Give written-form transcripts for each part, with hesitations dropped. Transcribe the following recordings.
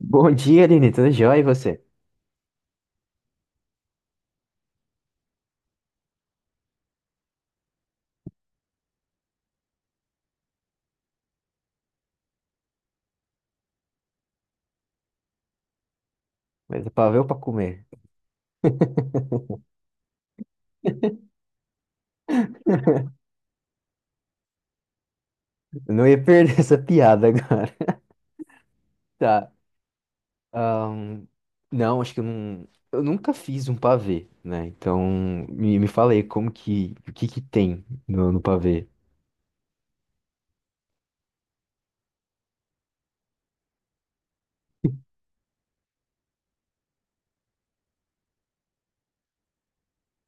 Bom dia, Aline. Tudo jóia e você? Mas é pra ver ou pra comer? Eu não ia perder essa piada agora. Tá. ahn, não, acho que eu não. Eu nunca fiz um pavê, né? Então, me fala aí como que. O que que tem no pavê?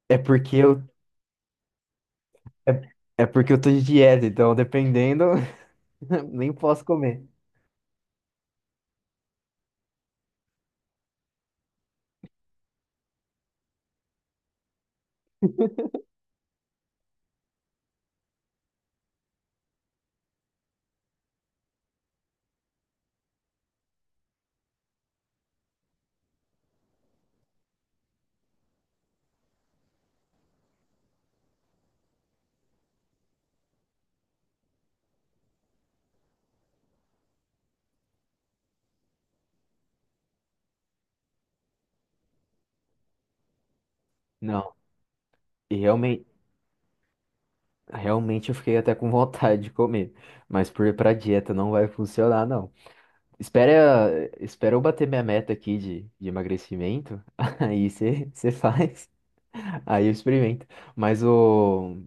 É porque eu. É, é porque eu tô de dieta, então dependendo, nem posso comer. Não. E realmente eu fiquei até com vontade de comer. Mas ir pra dieta não vai funcionar, não. Espera, espera eu bater minha meta aqui de emagrecimento, aí você faz, aí eu experimento. Mas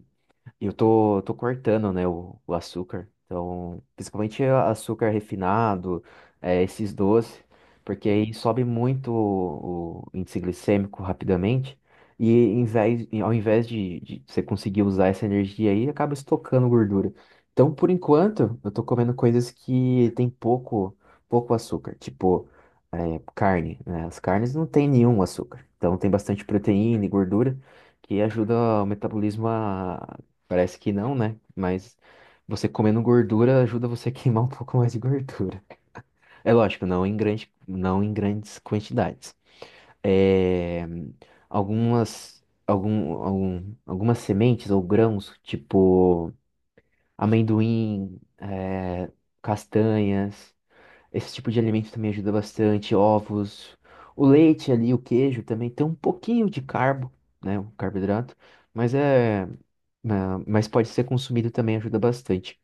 eu tô cortando, né, o açúcar. Então, principalmente açúcar refinado, esses doces, porque aí sobe muito o índice glicêmico rapidamente. E e ao invés de você conseguir usar essa energia aí, acaba estocando gordura. Então, por enquanto, eu tô comendo coisas que tem pouco açúcar, tipo, carne, né? As carnes não tem nenhum açúcar. Então, tem bastante proteína e gordura que ajuda o metabolismo. Parece que não, né? Mas você comendo gordura ajuda você a queimar um pouco mais de gordura. É lógico, não em grandes quantidades. É, algumas sementes ou grãos, tipo amendoim, castanhas, esse tipo de alimento também ajuda bastante, ovos, o leite ali, o queijo também tem um pouquinho de carbo, né? Um carboidrato, mas é, né, mas pode ser consumido, também ajuda bastante.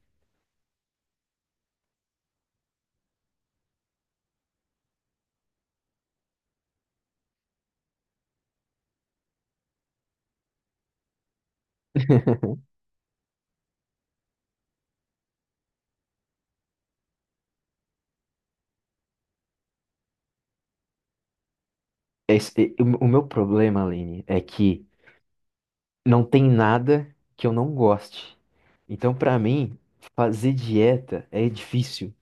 O meu problema, Aline, é que não tem nada que eu não goste. Então, pra mim, fazer dieta é difícil,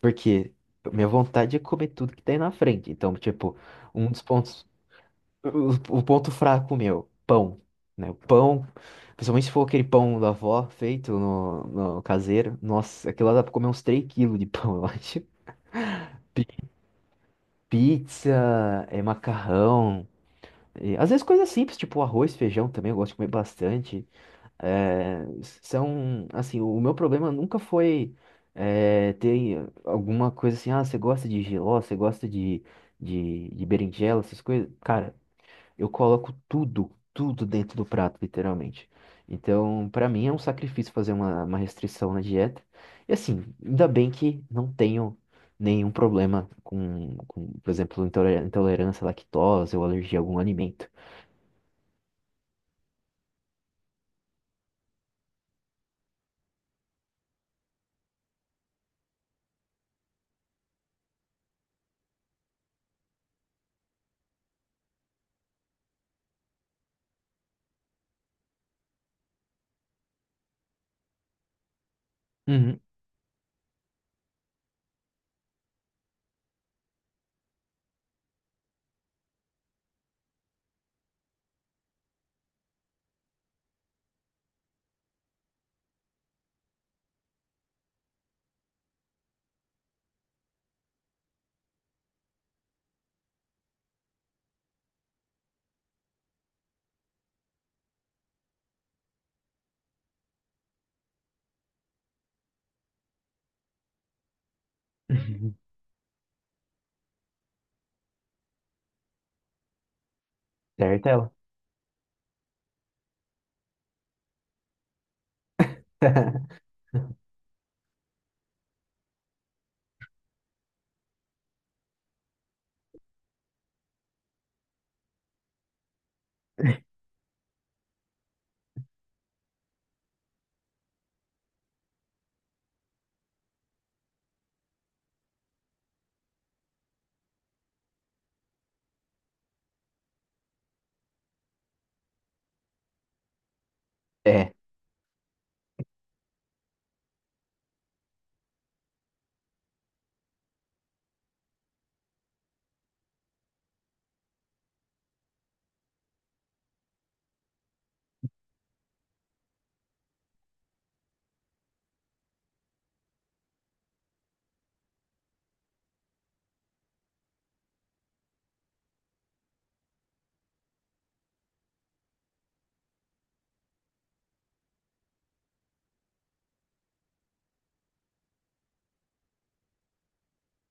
porque minha vontade é comer tudo que tem na frente. Então, tipo, um dos pontos, o ponto fraco meu, pão, né? O pão, principalmente se for aquele pão da avó feito no caseiro, nossa, aquilo lá dá pra comer uns 3 quilos de pão, eu acho. Pizza, macarrão, e, às vezes, coisas simples, tipo arroz, feijão também, eu gosto de comer bastante. É, assim, o meu problema nunca foi, ter alguma coisa assim, ah, você gosta de jiló, você gosta de berinjela, essas coisas. Cara, eu coloco tudo, tudo dentro do prato, literalmente. Então, pra mim é um sacrifício fazer uma restrição na dieta. E assim, ainda bem que não tenho nenhum problema com, por exemplo, intolerância à lactose ou alergia a algum alimento. Uhum. Certo, ela. É,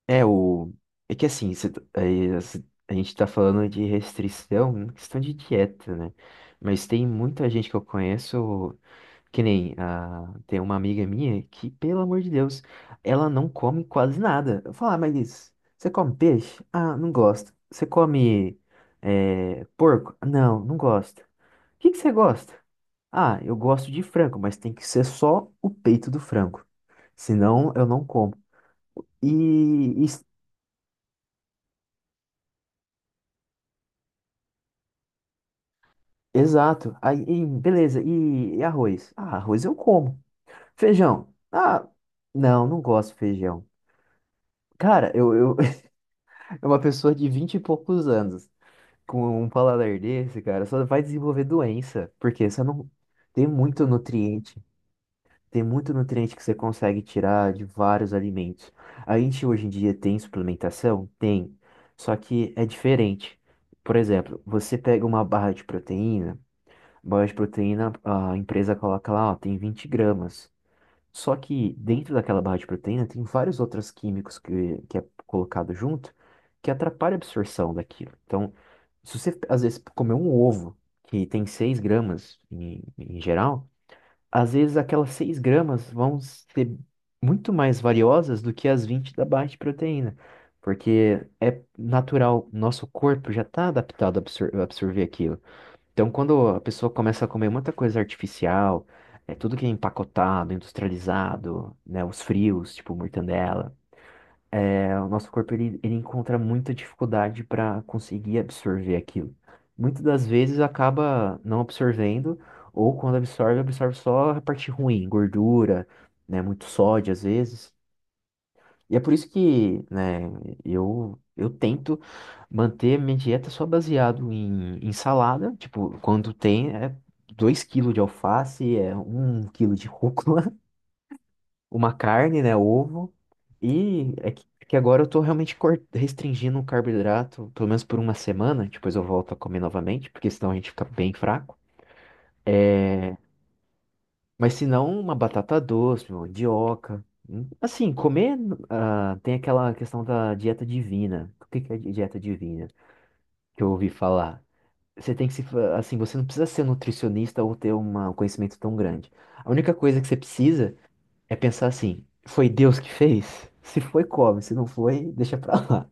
é o. É que assim, cê tá- aí, cê- a gente tá falando de restrição, né, questão de dieta, né? Mas tem muita gente que eu conheço, que nem tem uma amiga minha que, pelo amor de Deus, ela não come quase nada. Eu falo, ah, mas isso, você come peixe? Ah, não gosto. Você come, porco? Não, não gosto. O que que você gosta? Ah, eu gosto de frango, mas tem que ser só o peito do frango. Senão eu não como. E, e- Exato. Aí, e beleza. E arroz? Ah, arroz eu como. Feijão? Ah, não, não gosto de feijão. Cara, eu é uma pessoa de vinte e poucos anos com um paladar desse, cara, só vai desenvolver doença, porque você não tem muito nutriente. Tem muito nutriente que você consegue tirar de vários alimentos. A gente hoje em dia tem suplementação? Tem. Só que é diferente. Por exemplo, você pega uma barra de proteína, a empresa coloca lá, ó, tem 20 gramas. Só que dentro daquela barra de proteína tem vários outros químicos que é colocado junto, que atrapalha a absorção daquilo. Então, se você às vezes comer um ovo que tem 6 gramas, em geral, às vezes aquelas 6 gramas vão ser muito mais valiosas do que as 20 da baixa proteína, porque é natural, nosso corpo já está adaptado a a absorver aquilo. Então, quando a pessoa começa a comer muita coisa artificial, é tudo que é empacotado, industrializado, né, os frios, tipo mortandela, o nosso corpo, ele encontra muita dificuldade para conseguir absorver aquilo. Muitas das vezes acaba não absorvendo, ou quando absorve, absorve só a parte ruim, gordura, né, muito sódio às vezes. E é por isso que, né, eu tento manter minha dieta só baseado em salada, tipo, quando tem, 2 quilos de alface, é 1 quilo de rúcula, uma carne, né? Ovo. E é que agora eu tô realmente restringindo o carboidrato, pelo menos por uma semana. Depois eu volto a comer novamente, porque senão a gente fica bem fraco. É, mas se não, uma batata doce, uma mandioca. Assim, ah, tem aquela questão da dieta divina. O que que é dieta divina? Que eu ouvi falar. Você tem que se, assim, você não precisa ser nutricionista ou ter um conhecimento tão grande. A única coisa que você precisa é pensar assim, foi Deus que fez? Se foi, come. Se não foi, deixa pra lá.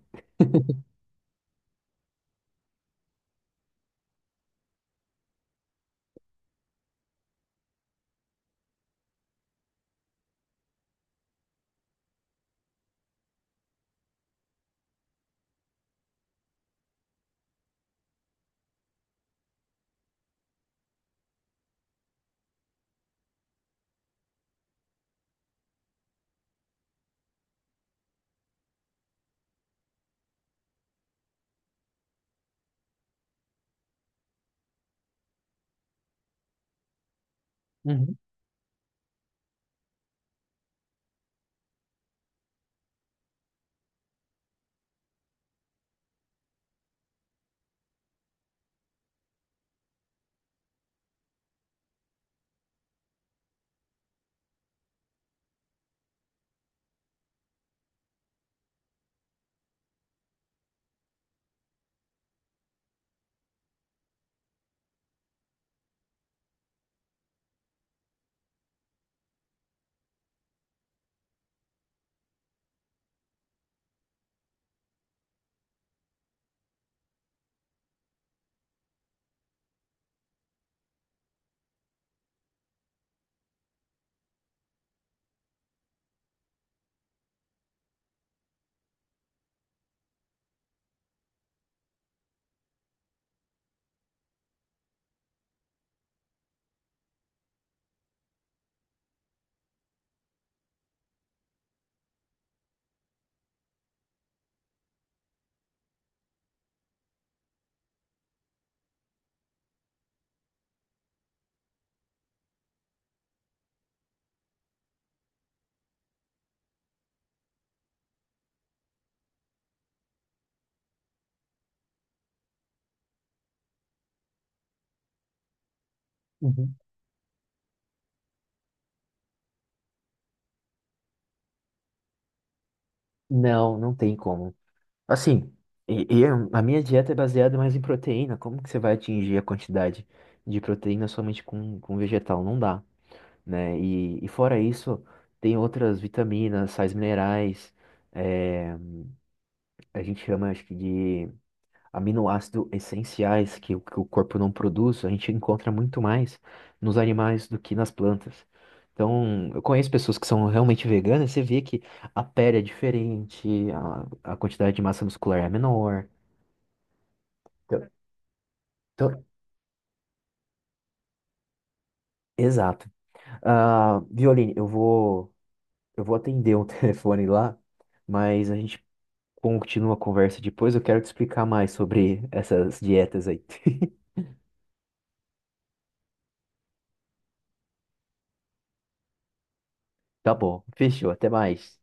Uhum, uhum. Não, não tem como. Assim, e a minha dieta é baseada mais em proteína. Como que você vai atingir a quantidade de proteína somente com vegetal? Não dá, né? E fora isso, tem outras vitaminas, sais minerais. é, a gente chama, acho que, de aminoácidos essenciais que o corpo não produz, a gente encontra muito mais nos animais do que nas plantas. Então, eu conheço pessoas que são realmente veganas, você vê que a pele é diferente, a quantidade de massa muscular é menor. Então, então- Exato. Ah, Violine, eu vou atender um telefone lá, mas a gente continua a conversa depois. Eu quero te explicar mais sobre essas dietas aí. Tá bom, fechou, até mais.